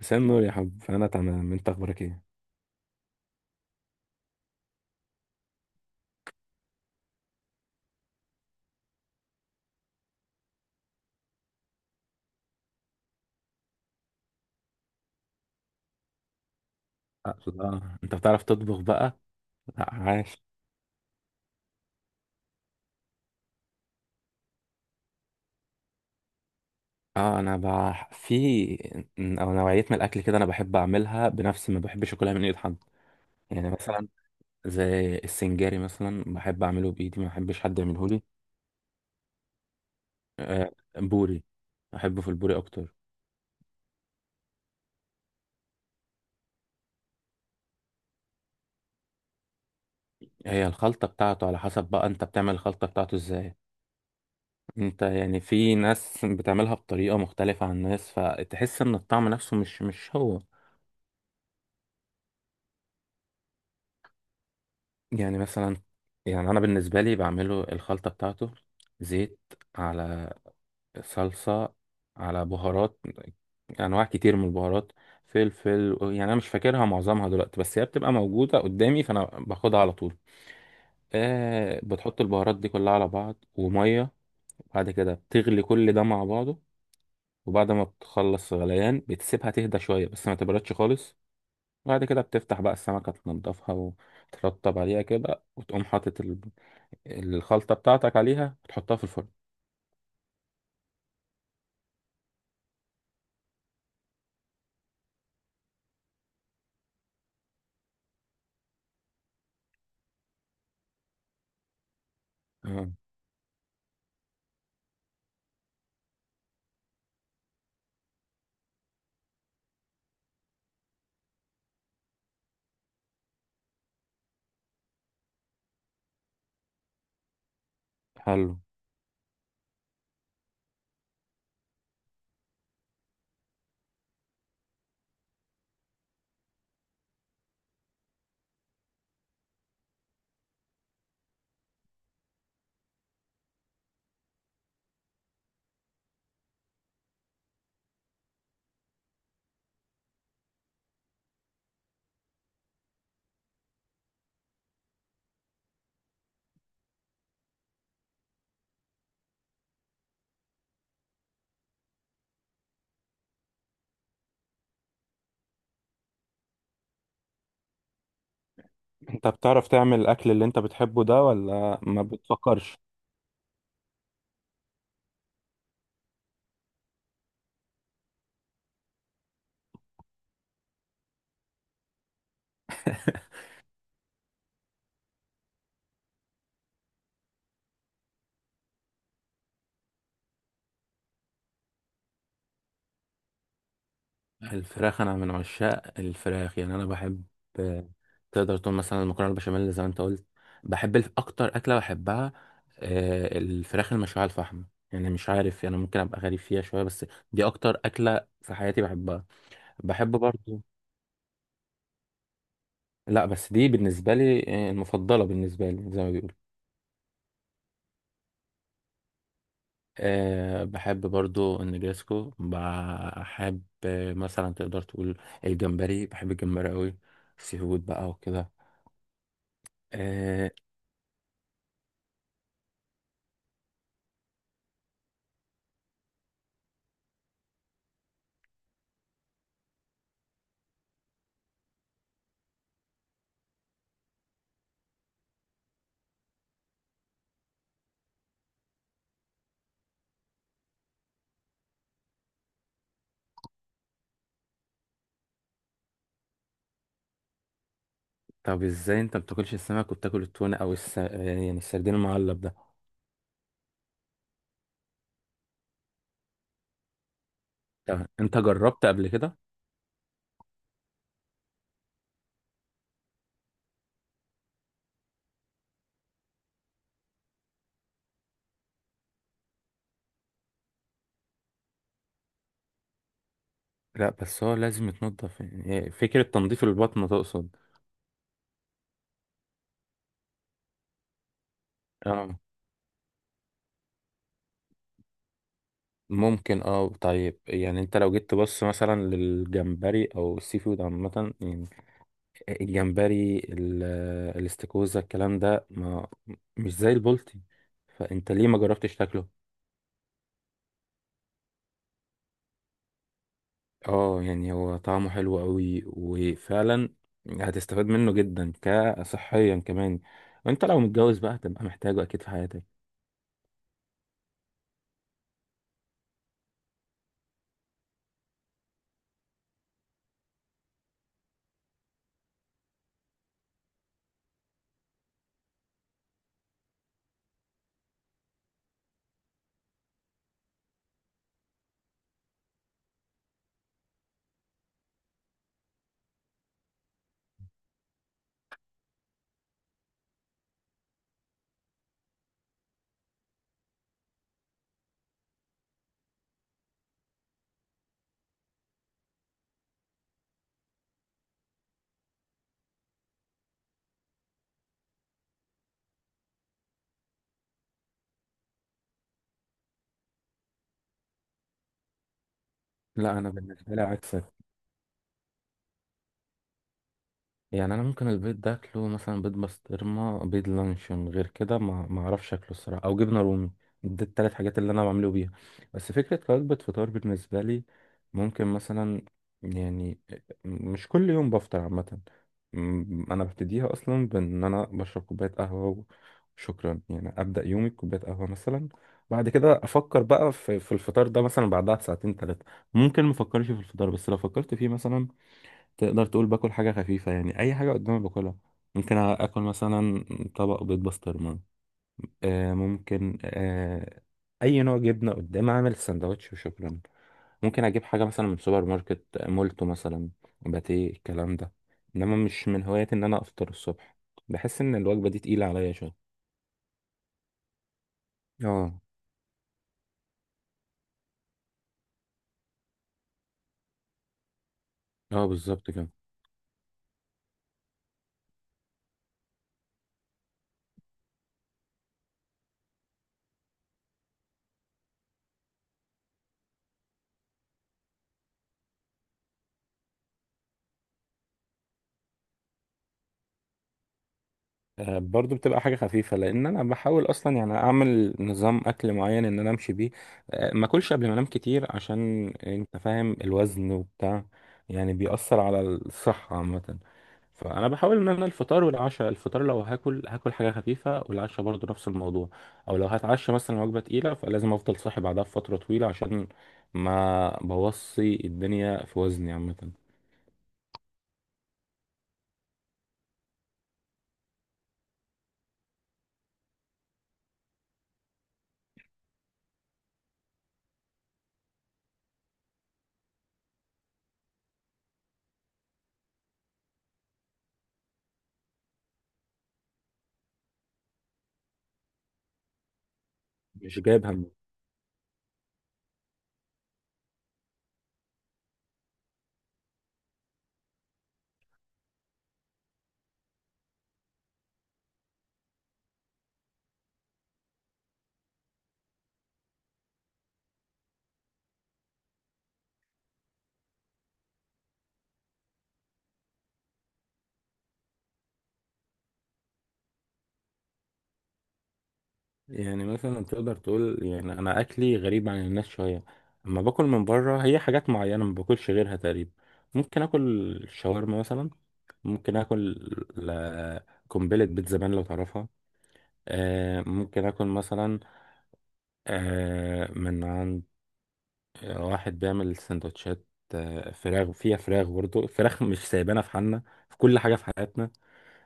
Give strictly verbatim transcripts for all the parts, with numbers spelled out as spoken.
مساء النور يا حب. انا تمام، انت اخبارك ايه؟ اقصد اه انت بتعرف تطبخ بقى؟ لا عاش. اه انا بح... في او نوعيه من الاكل كده انا بحب اعملها بنفسي، ما بحبش اكلها من ايد حد. يعني مثلا زي السنجاري مثلا بحب اعمله بايدي، ما بحبش حد يعمله لي. آه، بوري. بحبه في البوري اكتر. هي الخلطه بتاعته على حسب بقى، انت بتعمل الخلطه بتاعته ازاي؟ انت يعني في ناس بتعملها بطريقه مختلفه عن ناس، فتحس ان الطعم نفسه مش مش هو. يعني مثلا، يعني انا بالنسبه لي بعمله الخلطه بتاعته: زيت، على صلصه، على بهارات، انواع كتير من البهارات، فلفل. يعني انا مش فاكرها معظمها دلوقتي، بس هي بتبقى موجوده قدامي فانا باخدها على طول. آه، بتحط البهارات دي كلها على بعض وميه. بعد كده بتغلي كل ده مع بعضه، وبعد ما بتخلص غليان بتسيبها تهدى شويه بس ما تبردش خالص. بعد كده بتفتح بقى السمكه، تنضفها وترطب عليها كده، وتقوم حاطط الخلطة بتاعتك عليها وتحطها في الفرن. اه. حلو. انت بتعرف تعمل الاكل اللي انت بتحبه ده ولا ما بتفكرش؟ الفراخ أنا من عشاق الفراخ، يعني أنا بحب. تقدر تقول مثلا المكرونة البشاميل زي ما أنت قلت. بحب الف- أكتر أكلة بحبها، آه، الفراخ المشوية على الفحم. يعني مش عارف، يعني ممكن أبقى غريب فيها شوية، بس دي أكتر أكلة في حياتي بحبها. بحب برضو. لا بس دي بالنسبة لي، آه، المفضلة بالنسبة لي زي ما بيقولوا. أه بحب برضو النجريسكو، بحب آه، مثلا تقدر تقول الجمبري، بحب الجمبري قوي. سي فود بقى وكده. أه. طب ازاي انت بتاكلش السمك وبتاكل التونة او الس... آه، يعني السردين المعلب ده؟ طب انت جربت قبل كده؟ لا بس هو لازم يتنضف، يعني فكرة تنظيف البطن تقصد؟ اه. ممكن اه. طيب يعني انت لو جيت تبص مثلا للجمبري او السي فود عامة، يعني الجمبري ال- الاستاكوزا الكلام ده، ما مش زي البلطي، فانت ليه ما جربتش تاكله؟ اه يعني هو طعمه حلو قوي وفعلا هتستفاد منه جدا كصحيا كمان. وانت لو متجوز بقى هتبقى محتاجه اكيد في حياتك. لا انا بالنسبه لي عكسك. يعني انا ممكن البيض ده اكله مثلا بيض بسطرمه، بيض لانشون، غير كده ما ما اعرفش اكله الصراحه، او جبنه رومي. دي التلات حاجات اللي انا بعمله بيها. بس فكره وجبه فطار بالنسبه لي ممكن مثلا، يعني مش كل يوم بفطر عامه. م- انا ببتديها اصلا بان انا بشرب كوبايه قهوه وشكرا، يعني ابدا يومي بكوبايه قهوه مثلا. بعد كده افكر بقى في في الفطار ده مثلا بعدها بساعتين ثلاثه. ممكن مفكرش في الفطار، بس لو فكرت فيه مثلا تقدر تقول باكل حاجة خفيفة، يعني أي حاجة قدامي باكلها. ممكن آكل مثلا طبق بيض بسطرمة، آه ممكن آه أي نوع جبنة قدامي أعمل سندوتش وشكرا. ممكن أجيب حاجة مثلا من سوبر ماركت مولتو مثلا، باتيه الكلام ده. إنما مش من هواياتي إن أنا أفطر الصبح، بحس إن الوجبة دي تقيلة عليا شوية. اه. اه بالظبط كده. آه، برضو بتبقى حاجة خفيفة، لأن أنا بحاول أصلا يعني أعمل نظام أكل معين إن أنا أمشي بيه. آه، ما أكلش قبل ما أنام كتير، عشان أنت فاهم الوزن وبتاع، يعني بيأثر على الصحة عامة. فأنا بحاول إن أنا الفطار والعشاء، الفطار لو هاكل هاكل حاجة خفيفة، والعشاء برضو نفس الموضوع. أو لو هتعشى مثلا وجبة تقيلة فلازم أفضل صاحي بعدها بفترة طويلة، عشان ما بوصي الدنيا في وزني عامة. مش جايب هم. يعني مثلا تقدر تقول يعني انا اكلي غريب عن الناس شويه. اما باكل من بره هي حاجات معينه ما باكلش غيرها تقريبا. ممكن اكل شاورما مثلا، ممكن اكل ل- قنبله بيت زبان لو تعرفها. آه ممكن اكل مثلا آه من عند واحد بيعمل سندوتشات، آه فراخ، فيها فراخ برضه، فراخ مش سايبانا في حالنا في كل حاجه في حياتنا.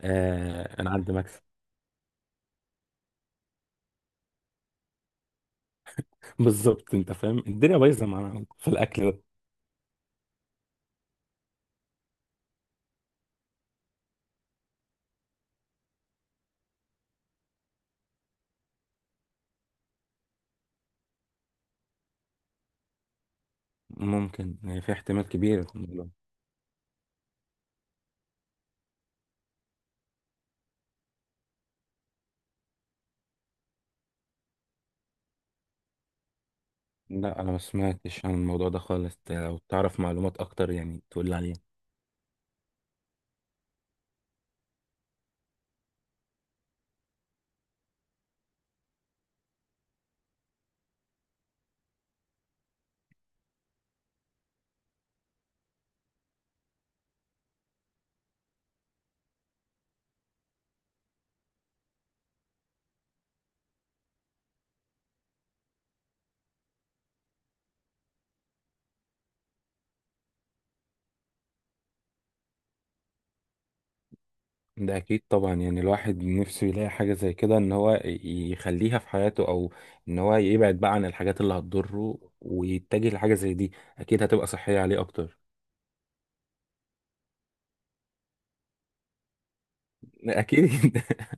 آه انا عندي مكسب. بالظبط، انت فاهم الدنيا بايظه معانا في الاكل ده. ممكن، يعني في احتمال كبير في الموضوع. لا انا ما سمعتش عن الموضوع ده خالص. ت- لو تعرف معلومات اكتر يعني تقول لي عليها. ده اكيد طبعا، يعني الواحد نفسه يلاقي حاجه زي كده ان هو ي- يخليها في حياته، او ان هو يبعد بقى عن الحاجات اللي هتضره ويتجه لحاجه زي دي، اكيد هتبقى صحيه عليه اكتر. اكيد.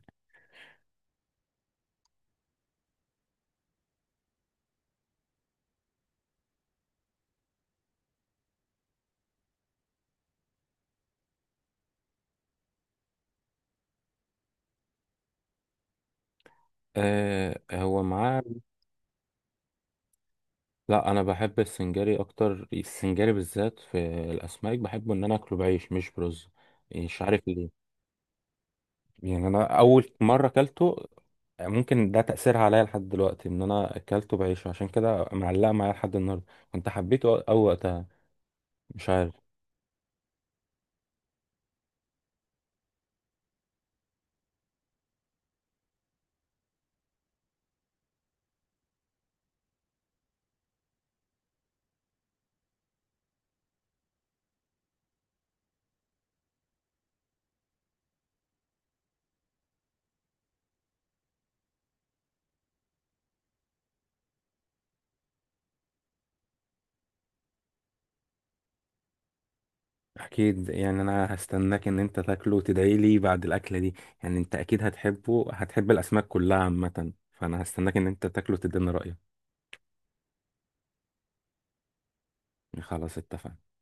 آه هو معاه. لا انا بحب السنجاري اكتر، السنجاري بالذات في الاسماك بحبه ان انا اكله بعيش مش برز. مش عارف ليه. يعني انا اول مره اكلته، ممكن ده تاثيرها عليا لحد دلوقتي ان انا اكلته بعيشه، عشان كده معلقه معايا لحد النهارده. كنت حبيته او أو وقتها، مش عارف. اكيد، يعني انا هستناك ان انت تاكله وتدعي لي بعد الاكله دي. يعني انت اكيد هتحبه، هتحب الاسماك كلها عامه، فانا هستناك ان انت تاكله وتديني رايك. يعني خلاص اتفقنا.